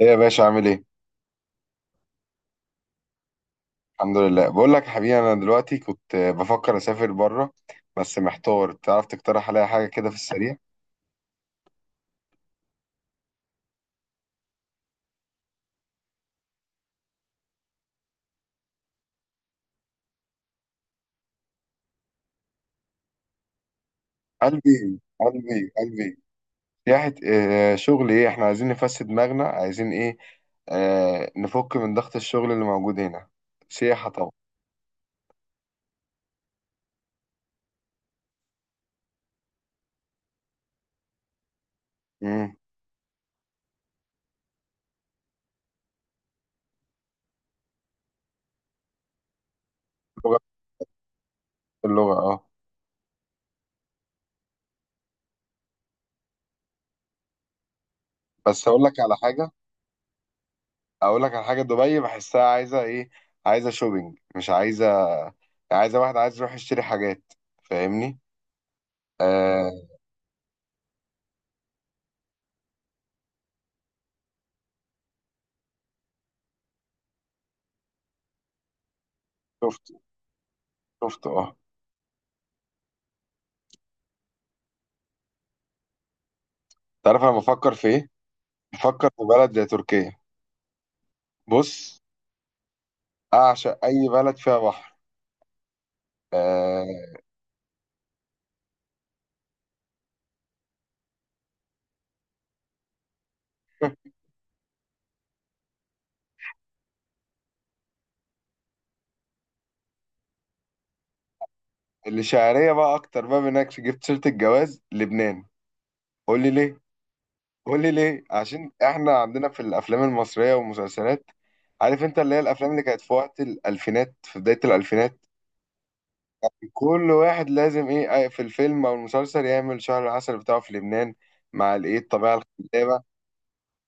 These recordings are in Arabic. ايه يا باشا، عامل ايه؟ الحمد لله. بقول لك يا حبيبي، انا دلوقتي كنت بفكر اسافر بره. بس محتار، تعرف تقترح عليا حاجه كده في السريع؟ قلبي قلبي قلبي، سياحه شغل ايه، احنا عايزين نفسد دماغنا، عايزين ايه، آه، نفك من ضغط الشغل اللي موجود هنا. سياحه طبعا. امم. لغه، اللغه اه. بس اقول لك على حاجه، اقول لك على حاجه. دبي بحسها عايزه ايه؟ عايزه شوبينج، مش عايزه، عايزه واحد عايز يروح يشتري حاجات. فاهمني؟ آه. شفت اه. تعرف انا بفكر في ايه؟ بفكر في بلد زي تركيا. بص، اعشق اي بلد فيها بحر. آه. اللي شعريه بقى، اكتر بقى منك، جبت سيره الجواز لبنان. قول لي ليه، قول لي ليه، عشان احنا عندنا في الافلام المصريه والمسلسلات، عارف انت، اللي هي الافلام اللي كانت في وقت الالفينات، في بدايه الالفينات، كل واحد لازم ايه، في الفيلم او المسلسل، يعمل شهر العسل بتاعه في لبنان، مع الايه، الطبيعه الخلابه.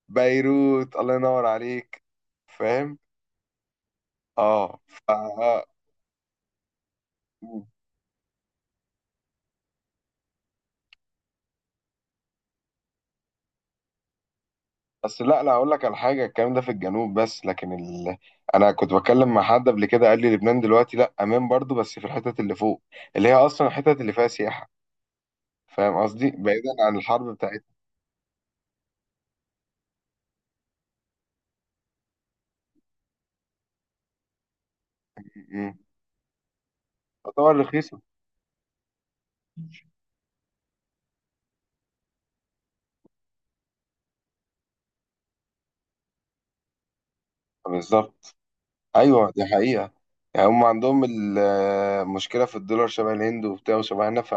بيروت، الله ينور عليك. فاهم. اه. ف بس، لا لا، اقول لك على حاجه، الكلام ده في الجنوب بس، لكن ال... انا كنت بتكلم مع حد قبل كده، قال لي لبنان دلوقتي لا امان برضو، بس في الحتت اللي فوق، اللي هي اصلا الحتت اللي فيها سياحه. فاهم قصدي، بعيدا عن الحرب بتاعتنا. م- م. تعتبر رخيصه. بالظبط، ايوه دي حقيقه. يعني هم عندهم المشكله في الدولار شبه الهند وبتاع، وشبهنا ف...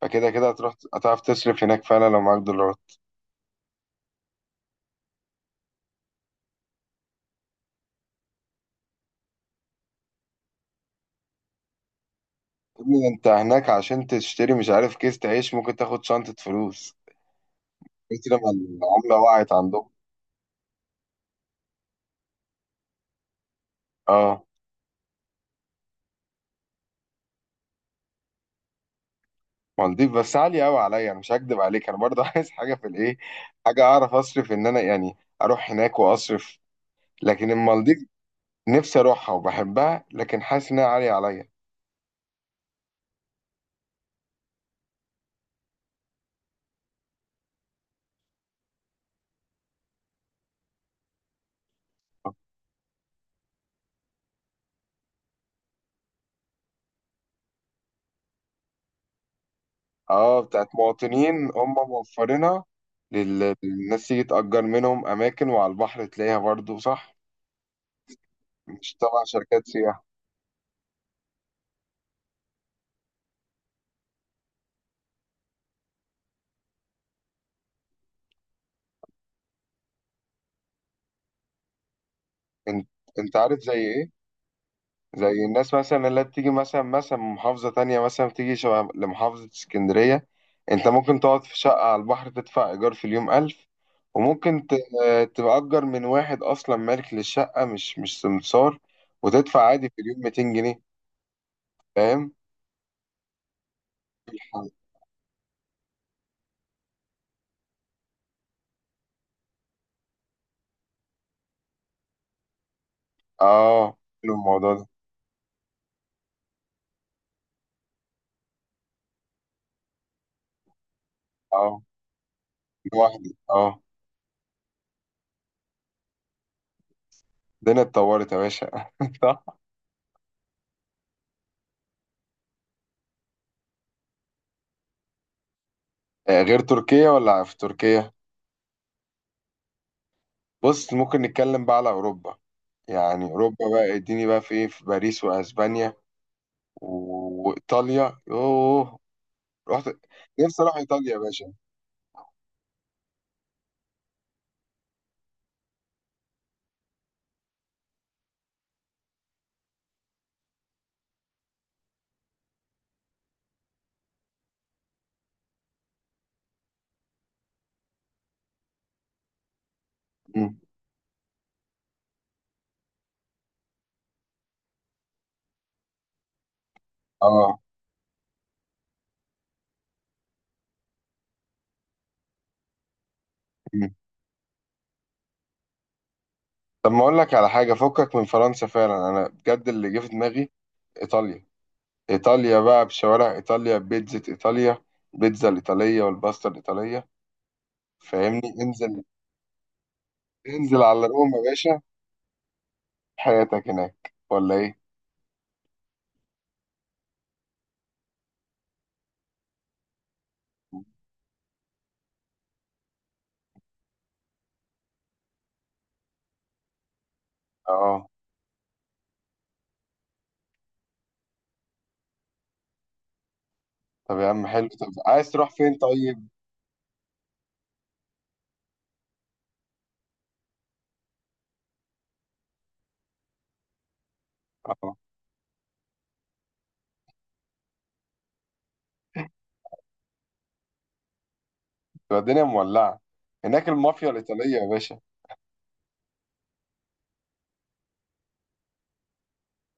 فكده كده هتروح، هتعرف تصرف هناك فعلا لو معاك دولارات. يا ابني، ده انت هناك عشان تشتري، مش عارف كيس تعيش، ممكن تاخد شنطه فلوس. قلت لما العملة وقعت عندهم. اه. مالديف بس عالية قوي عليا، انا مش هكدب عليك. انا برضه عايز حاجة في الايه، حاجة اعرف اصرف ان انا يعني، اروح هناك واصرف. لكن المالديف، نفسي اروحها وبحبها، لكن حاسس انها عالية عليا. اه بتاعت مواطنين، هم موفرينها للناس تيجي تأجر منهم اماكن، وعلى البحر تلاقيها برضه، صح؟ مش تبع شركات سياحة. انت، انت عارف زي ايه؟ زي الناس مثلا اللي بتيجي مثلا من محافظة تانية، مثلا بتيجي شبه لمحافظة اسكندرية. انت ممكن تقعد في شقة على البحر تدفع ايجار في اليوم 1000، وممكن تأجر من واحد أصلا مالك للشقة، مش سمسار، وتدفع عادي في اليوم 200 جنيه. فاهم؟ في الحل. اه. حلو الموضوع ده. اه، لوحدي اه. الدنيا اتطورت يا باشا صح. غير تركيا، ولا في تركيا؟ بص ممكن نتكلم بقى على أوروبا، يعني أوروبا بقى، اديني بقى في ايه، في باريس وأسبانيا وايطاليا. يوه، رحت. نفسي اروح ايطاليا يا باشا. مم. اه. مم. طب ما اقول لك على حاجه، فكك من فرنسا، فعلا انا بجد اللي جه في دماغي ايطاليا. ايطاليا بقى، بشوارع ايطاليا، بيتزا ايطاليا، بيتزا الايطاليه والباستا الايطاليه. فاهمني؟ انزل، انزل على روما يا باشا، حياتك هناك، ولا ايه؟ اه. طب يا عم حلو، طب عايز تروح فين طيب؟ اه. تبقى الدنيا مولعه هناك، المافيا الايطاليه يا باشا.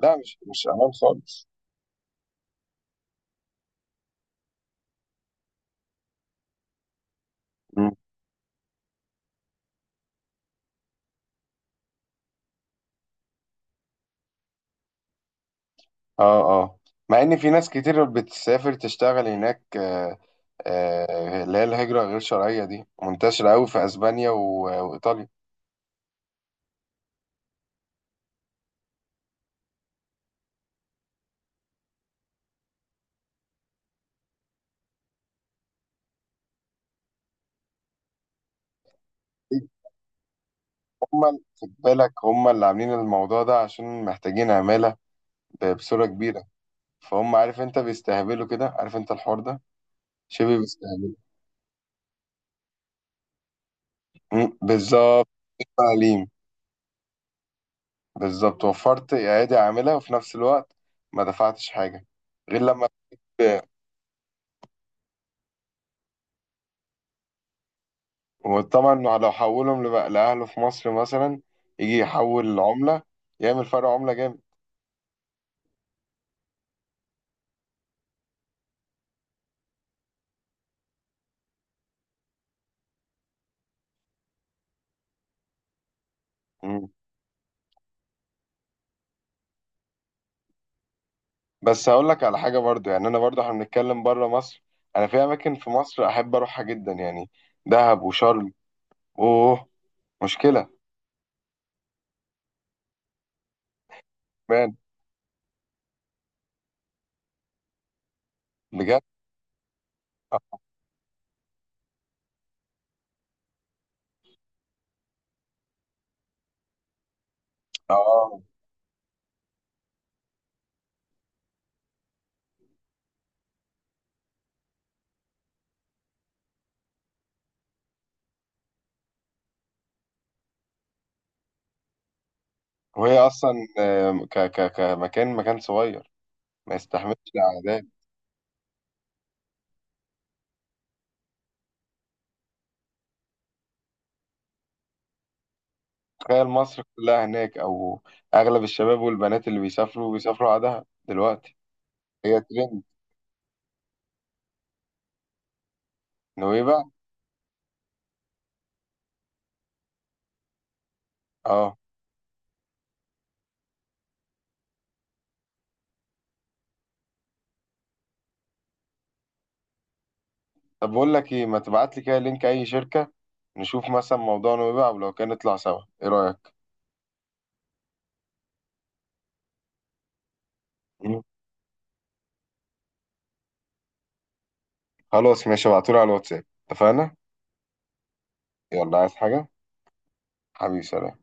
لا، مش امان خالص. اه اه. مع ان في ناس كتير بتسافر تشتغل هناك، اللي هي الهجرة غير شرعية دي منتشرة قوي في اسبانيا وايطاليا. هم خد بالك، هم اللي عاملين الموضوع ده عشان محتاجين عمالة بصورة كبيرة. فهم، عارف انت، بيستهبلوا كده، عارف انت الحوار ده، شبه بيستهبلوا. مم، بالظبط. تعليم. بالظبط، وفرت ايادي عاملة، وفي نفس الوقت ما دفعتش حاجة. غير لما، وطبعا لو حولهم لبقى لأهله في مصر مثلا، يجي يحول العملة يعمل فرق عملة جامد. مم. بس هقول لك على حاجة برضو، يعني أنا برضو احنا بنتكلم بره مصر، أنا في أماكن في مصر أحب أروحها جدا يعني، دهب وشرم. أوه، مشكلة. مان، بجد. آه. وهي أصلا، آه، ك ك كمكان مكان صغير، ما يستحملش الأعداد. تخيل مصر كلها هناك، أو أغلب الشباب والبنات اللي بيسافروا، بيسافروا على دهب دلوقتي. هي ترند. نويبع. اه. طب بقول لك ايه، ما تبعت لي كده لينك اي شركة، نشوف مثلا موضوعنا، ويبقى ولو كان نطلع سوا، ايه رأيك؟ مم. خلاص ماشي، ابعتولي على الواتساب. اتفقنا. يلا، عايز حاجة؟ حبيبي سلام.